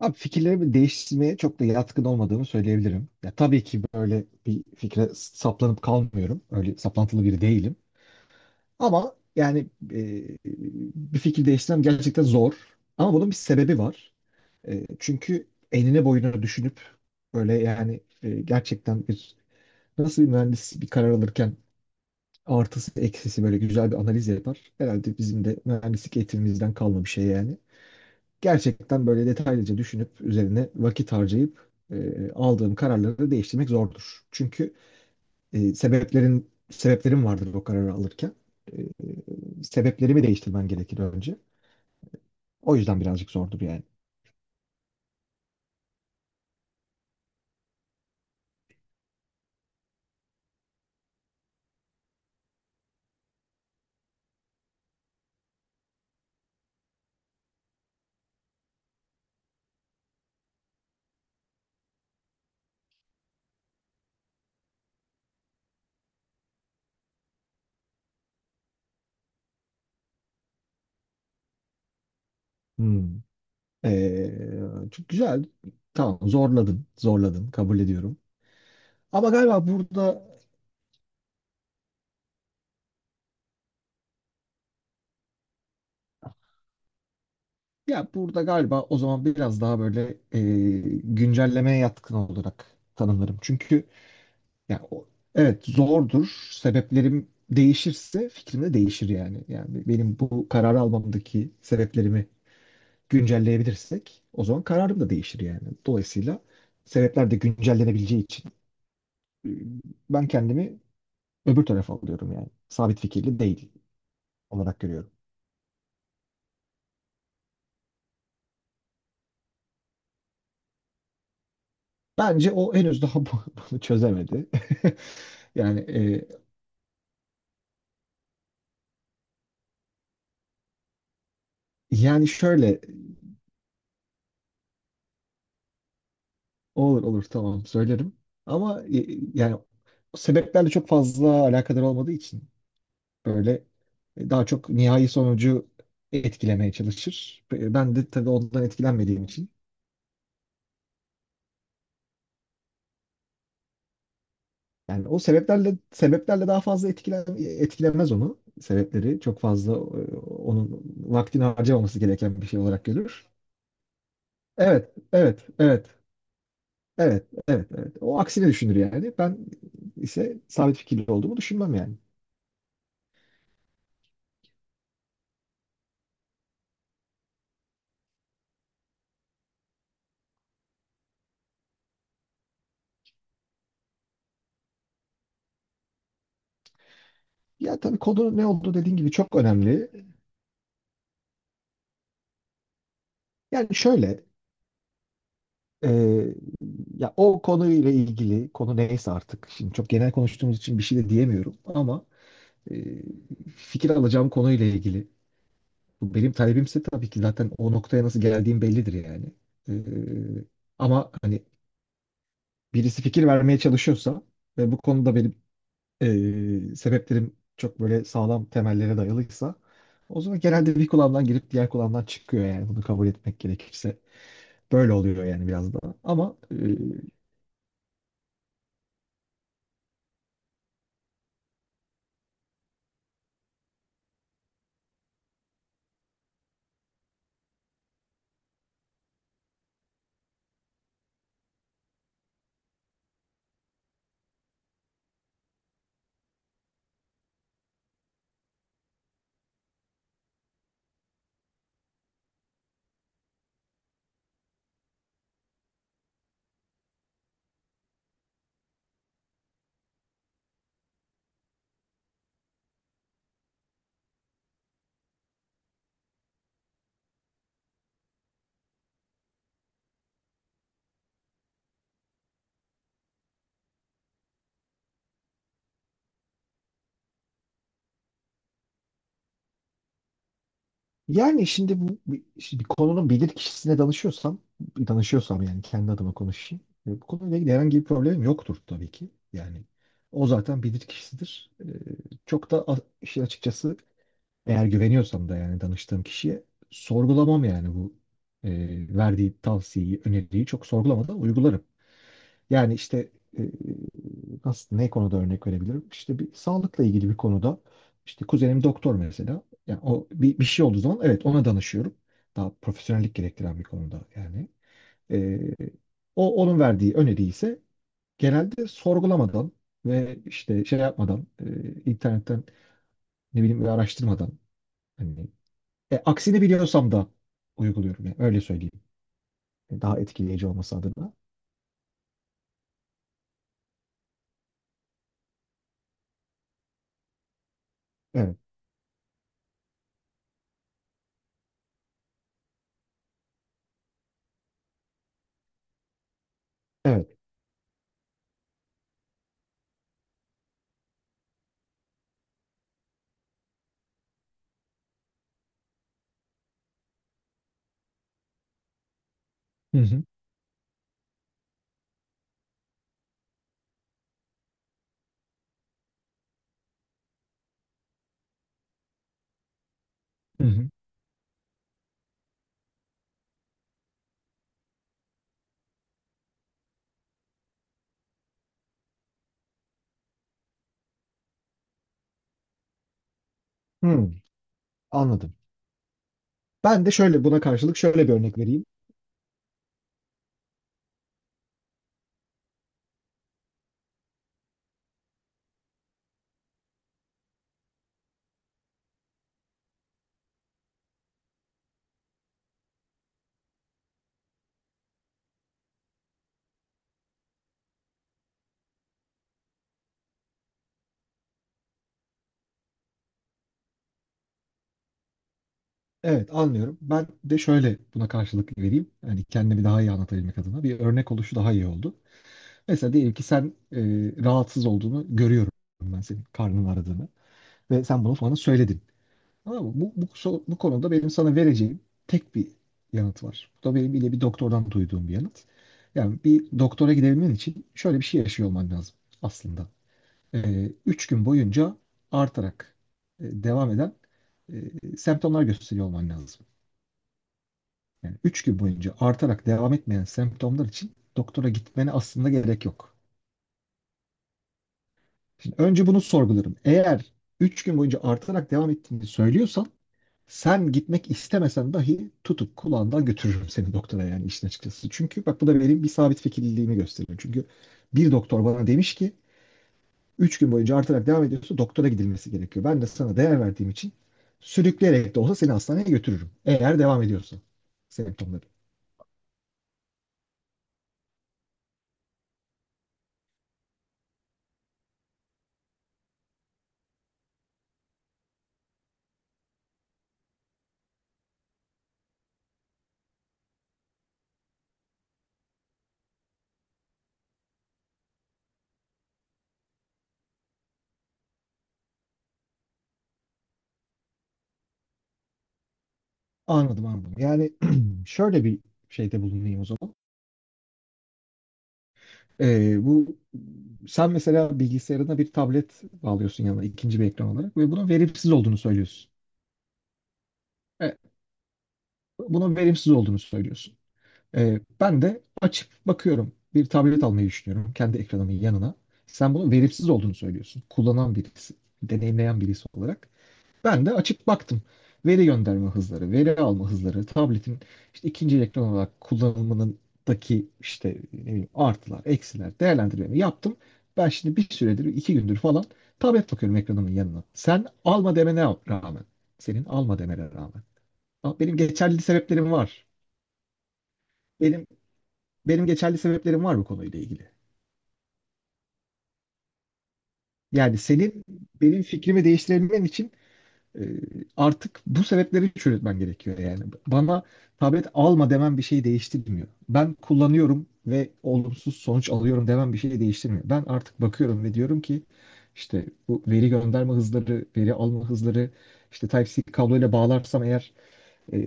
Abi fikirlerimi değiştirmeye çok da yatkın olmadığımı söyleyebilirim. Ya tabii ki böyle bir fikre saplanıp kalmıyorum. Öyle saplantılı biri değilim. Ama e, bir fikir değiştirmem gerçekten zor. Ama bunun bir sebebi var. Çünkü enine boyuna düşünüp gerçekten bir nasıl bir mühendis bir karar alırken artısı eksisi böyle güzel bir analiz yapar. Herhalde bizim de mühendislik eğitimimizden kalma bir şey yani gerçekten böyle detaylıca düşünüp üzerine vakit harcayıp aldığım kararları değiştirmek zordur. Çünkü e, sebeplerin sebeplerim vardır o kararı alırken. Sebeplerimi değiştirmen gerekir önce. O yüzden birazcık zordur yani. Hmm. Ee, Çok güzel. Tamam, zorladın. Zorladın. Kabul ediyorum. Ama galiba burada ya, burada galiba o zaman biraz daha güncellemeye yatkın olarak tanımlarım. Çünkü ya o, evet zordur. Sebeplerim değişirse fikrim de değişir yani. Yani benim bu karar almamdaki sebeplerimi güncelleyebilirsek o zaman kararım da değişir yani. Dolayısıyla sebepler de güncellenebileceği için e, ben kendimi öbür tarafa alıyorum yani. Sabit fikirli değil olarak görüyorum. Bence o henüz daha bunu çözemedi. Yani e, yani şöyle, olur olur, tamam söylerim, ama yani sebeplerle çok fazla alakadar olmadığı için böyle daha çok nihai sonucu etkilemeye çalışır. Ben de tabii ondan etkilenmediğim için yani o sebeplerle daha fazla etkilemez onu. Sebepleri çok fazla onun vaktini harcamaması gereken bir şey olarak görür. Evet, evet, evet. Evet, evet, evet. O aksine düşünür yani. Ben ise sabit fikirli olduğumu düşünmem yani. Ya tabii konu ne olduğu dediğin gibi çok önemli. Yani şöyle, e, ya o konuyla ilgili, konu neyse artık. Şimdi çok genel konuştuğumuz için bir şey de diyemiyorum ama e, fikir alacağım konuyla ilgili. Bu benim talebimse tabii ki zaten o noktaya nasıl geldiğim bellidir yani. E, Ama hani birisi fikir vermeye çalışıyorsa ve bu konuda benim sebeplerim çok böyle sağlam temellere dayalıysa, o zaman genelde bir kulağımdan girip diğer kulağımdan çıkıyor yani, bunu kabul etmek gerekirse. Böyle oluyor yani biraz da. Ama yani şimdi bir konunun bilir kişisine danışıyorsam yani, kendi adıma konuşayım. Bu konuyla ilgili herhangi bir problemim yoktur tabii ki. Yani o zaten bilir kişisidir. İşin açıkçası, eğer güveniyorsam da yani danıştığım kişiye, sorgulamam yani bu e, verdiği tavsiyeyi, öneriyi çok sorgulamadan uygularım. Yani işte, e, nasıl, ne konuda örnek verebilirim? İşte bir sağlıkla ilgili bir konuda işte kuzenim doktor mesela. Yani o bir şey olduğu zaman evet ona danışıyorum. Daha profesyonellik gerektiren bir konuda yani. E, onun verdiği öneri ise genelde sorgulamadan ve işte şey yapmadan, internetten ne bileyim bir araştırmadan, hani aksini biliyorsam da uyguluyorum. Yani öyle söyleyeyim. Daha etkileyici olması adına. Evet. Evet. Hı hı. Hı hı. Hmm, anladım. Ben de şöyle buna karşılık şöyle bir örnek vereyim. Evet, anlıyorum. Ben de şöyle buna karşılık vereyim. Yani kendimi daha iyi anlatabilmek adına bir örnek oluşu daha iyi oldu. Mesela diyelim ki sen, e, rahatsız olduğunu görüyorum, ben senin karnın aradığını ve sen bunu bana söyledin. Tamam mı? Bu konuda benim sana vereceğim tek bir yanıt var. Bu da benim yine bir doktordan duyduğum bir yanıt. Yani bir doktora gidebilmen için şöyle bir şey yaşıyor olman lazım aslında. Üç gün boyunca artarak devam eden semptomlar gösteriyor olman lazım. Yani üç gün boyunca artarak devam etmeyen semptomlar için doktora gitmene aslında gerek yok. Şimdi önce bunu sorgularım. Eğer üç gün boyunca artarak devam ettiğini söylüyorsan, sen gitmek istemesen dahi tutup kulağından götürürüm seni doktora yani, işin açıkçası. Çünkü bak, bu da benim bir sabit fikirliliğimi gösteriyor. Çünkü bir doktor bana demiş ki 3 gün boyunca artarak devam ediyorsa doktora gidilmesi gerekiyor. Ben de sana değer verdiğim için sürükleyerek de olsa seni hastaneye götürürüm, eğer devam ediyorsa semptomları. Anladım, anladım. Yani şöyle bir şeyde bulunayım o zaman. Bu sen mesela bilgisayarına bir tablet bağlıyorsun yanına, ikinci bir ekran olarak, ve bunun verimsiz olduğunu söylüyorsun. E, Bunun verimsiz olduğunu söylüyorsun. Ben de açıp bakıyorum. Bir tablet almayı düşünüyorum kendi ekranımın yanına. Sen bunun verimsiz olduğunu söylüyorsun, kullanan birisi, deneyimleyen birisi olarak. Ben de açıp baktım. Veri gönderme hızları, veri alma hızları, tabletin işte ikinci ekran olarak kullanımındaki işte ne bileyim artılar, eksiler, değerlendirmemi yaptım. Ben şimdi bir süredir, iki gündür falan tablet bakıyorum ekranımın yanına, sen alma demene rağmen, senin alma demene rağmen. Ama benim geçerli sebeplerim var. Benim Benim geçerli sebeplerim var bu konuyla ilgili. Yani senin benim fikrimi değiştirebilmen için e, artık bu sebepleri çürütmen gerekiyor yani. Bana tablet alma demem bir şeyi değiştirmiyor. Ben kullanıyorum ve olumsuz sonuç alıyorum demem bir şeyi değiştirmiyor. Ben artık bakıyorum ve diyorum ki işte bu veri gönderme hızları, veri alma hızları, işte Type-C kabloyla bağlarsam eğer, e,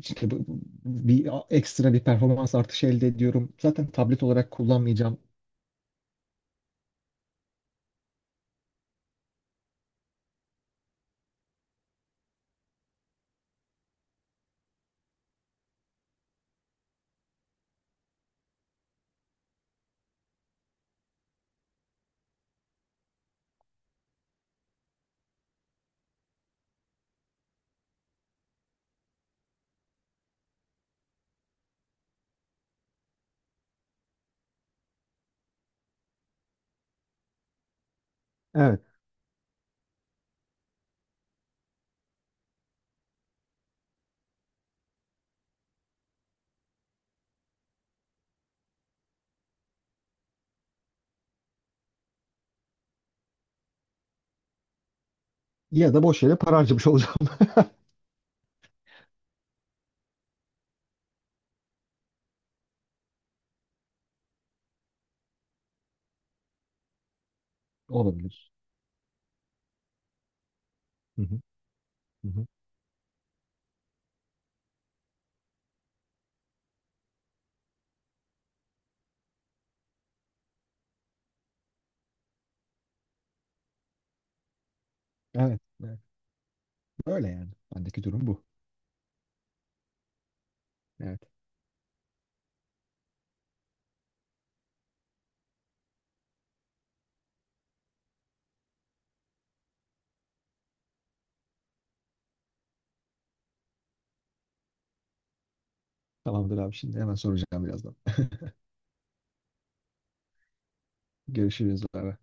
işte bu- bu- bir ekstra bir performans artışı elde ediyorum. Zaten tablet olarak kullanmayacağım. Ya da boş yere para harcamış olacağım. Olabilir. Hı hı, hı hı. Evet, evet. Böyle yani. Bendeki durum bu. Evet. Tamamdır abi, şimdi hemen soracağım birazdan. Görüşürüz. Bay bay.